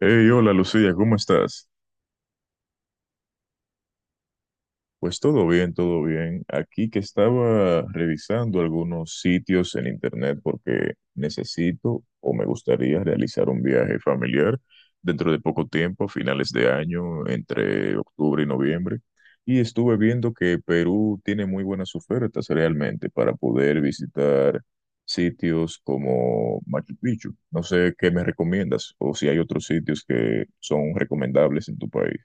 Hey, hola Lucía, ¿cómo estás? Pues todo bien, todo bien. Aquí que estaba revisando algunos sitios en internet porque necesito o me gustaría realizar un viaje familiar dentro de poco tiempo, a finales de año, entre octubre y noviembre. Y estuve viendo que Perú tiene muy buenas ofertas realmente para poder visitar sitios como Machu Picchu. No sé qué me recomiendas o si hay otros sitios que son recomendables en tu país.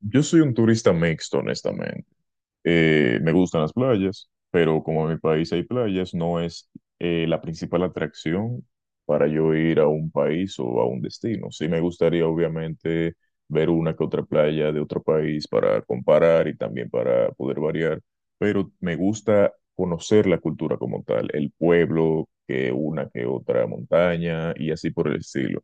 Yo soy un turista mixto, honestamente. Me gustan las playas, pero como en mi país hay playas, no es la principal atracción para yo ir a un país o a un destino. Sí me gustaría, obviamente, ver una que otra playa de otro país para comparar y también para poder variar, pero me gusta conocer la cultura como tal, el pueblo, que una que otra montaña y así por el estilo.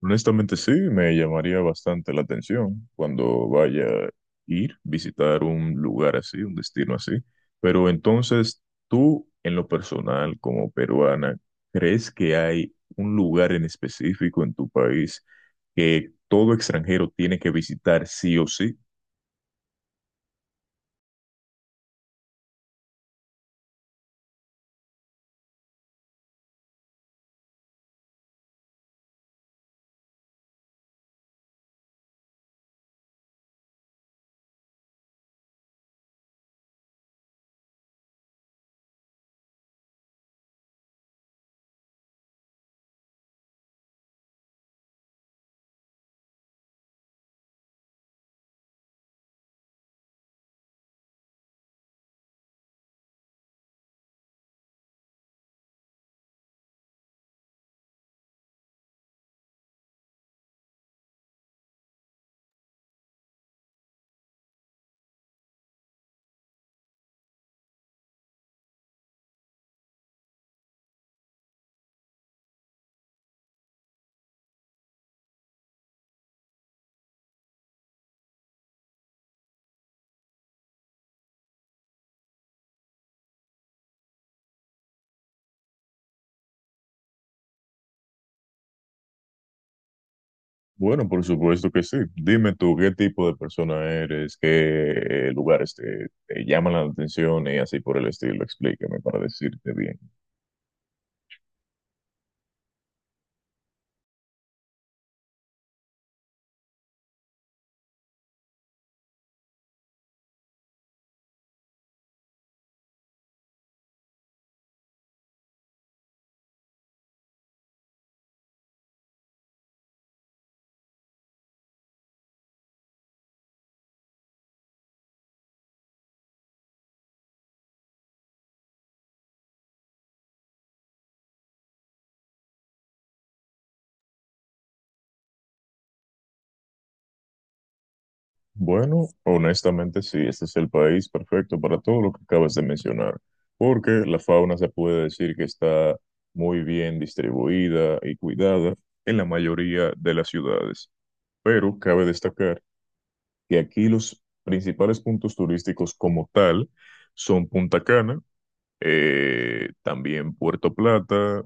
Honestamente sí, me llamaría bastante la atención cuando vaya a ir, visitar un lugar así, un destino así. Pero entonces, tú en lo personal como peruana, ¿crees que hay un lugar en específico en tu país que todo extranjero tiene que visitar sí o sí? Bueno, por supuesto que sí. Dime tú qué tipo de persona eres, qué lugares te, te llaman la atención y así por el estilo. Explícame para decirte bien. Bueno, honestamente sí, este es el país perfecto para todo lo que acabas de mencionar, porque la fauna se puede decir que está muy bien distribuida y cuidada en la mayoría de las ciudades, pero cabe destacar que aquí los principales puntos turísticos como tal son Punta Cana, también Puerto Plata,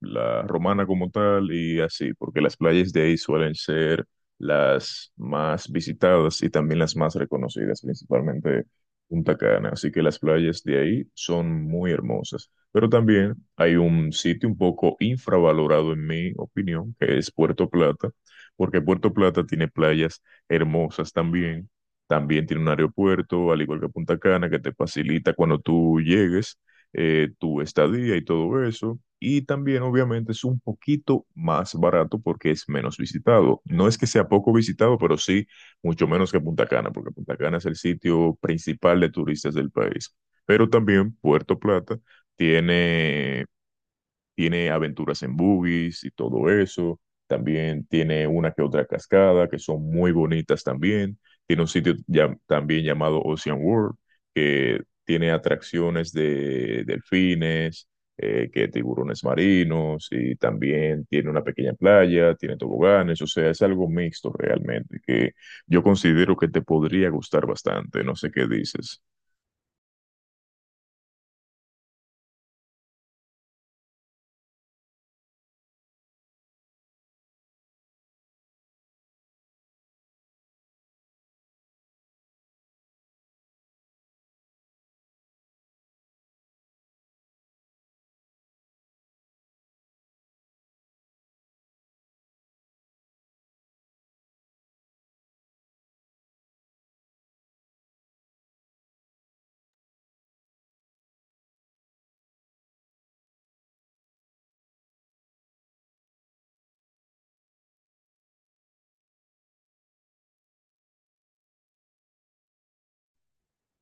la Romana como tal y así, porque las playas de ahí suelen ser las más visitadas y también las más reconocidas, principalmente Punta Cana, así que las playas de ahí son muy hermosas. Pero también hay un sitio un poco infravalorado en mi opinión, que es Puerto Plata, porque Puerto Plata tiene playas hermosas también. También tiene un aeropuerto, al igual que Punta Cana, que te facilita cuando tú llegues tu estadía y todo eso. Y también, obviamente, es un poquito más barato porque es menos visitado. No es que sea poco visitado, pero sí mucho menos que Punta Cana, porque Punta Cana es el sitio principal de turistas del país. Pero también Puerto Plata tiene tiene aventuras en buggies y todo eso. También tiene una que otra cascada que son muy bonitas también. Tiene un sitio también llamado Ocean World que tiene atracciones de delfines, que tiburones marinos y también tiene una pequeña playa, tiene toboganes. O sea, es algo mixto realmente que yo considero que te podría gustar bastante. No sé qué dices.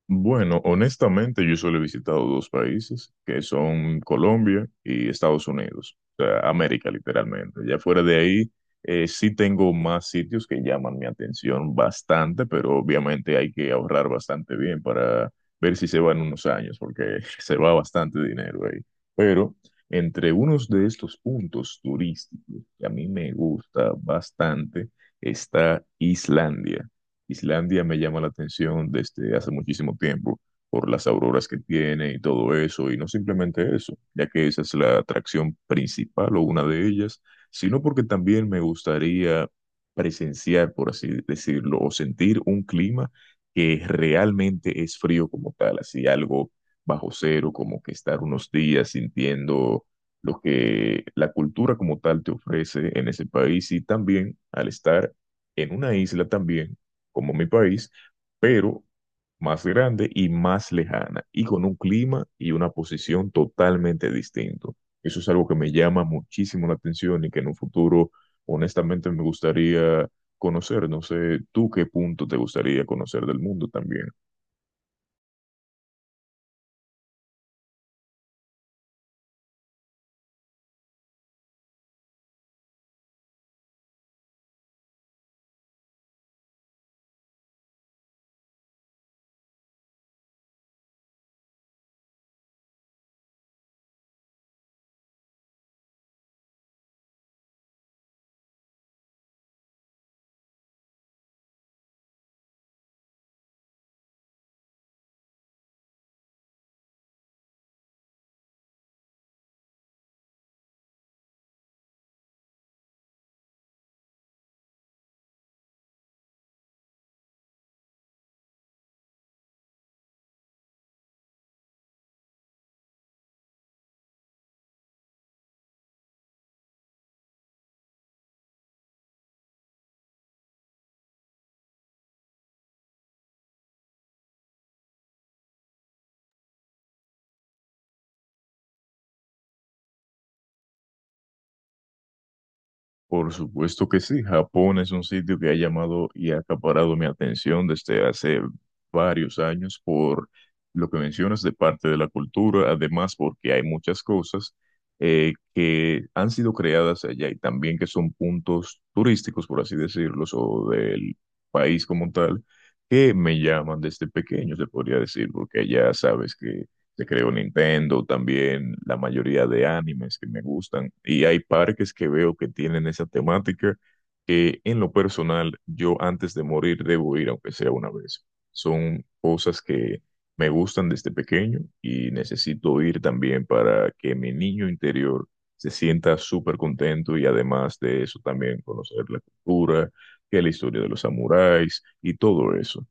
Bueno, honestamente yo solo he visitado dos países, que son Colombia y Estados Unidos, o sea, América literalmente. Ya fuera de ahí, sí tengo más sitios que llaman mi atención bastante, pero obviamente hay que ahorrar bastante bien para ver si se va en unos años, porque se va bastante dinero ahí. Pero entre unos de estos puntos turísticos que a mí me gusta bastante está Islandia. Islandia me llama la atención desde hace muchísimo tiempo por las auroras que tiene y todo eso, y no simplemente eso, ya que esa es la atracción principal o una de ellas, sino porque también me gustaría presenciar, por así decirlo, o sentir un clima que realmente es frío como tal, así algo bajo cero, como que estar unos días sintiendo lo que la cultura como tal te ofrece en ese país y también al estar en una isla también como mi país, pero más grande y más lejana, y con un clima y una posición totalmente distinto. Eso es algo que me llama muchísimo la atención y que en un futuro, honestamente, me gustaría conocer. No sé, ¿tú qué punto te gustaría conocer del mundo también? Por supuesto que sí, Japón es un sitio que ha llamado y ha acaparado mi atención desde hace varios años por lo que mencionas de parte de la cultura, además porque hay muchas cosas que han sido creadas allá y también que son puntos turísticos, por así decirlos, o del país como tal, que me llaman desde pequeño, se podría decir, porque ya sabes que se creó Nintendo, también la mayoría de animes que me gustan. Y hay parques que veo que tienen esa temática que en lo personal yo antes de morir debo ir, aunque sea una vez. Son cosas que me gustan desde pequeño y necesito ir también para que mi niño interior se sienta súper contento y además de eso también conocer la cultura, que la historia de los samuráis y todo eso.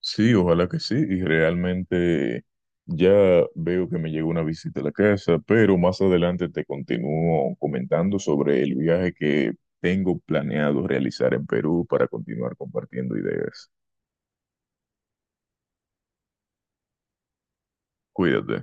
Sí, ojalá que sí. Y realmente ya veo que me llegó una visita a la casa, pero más adelante te continúo comentando sobre el viaje que tengo planeado realizar en Perú para continuar compartiendo ideas. Cuídate.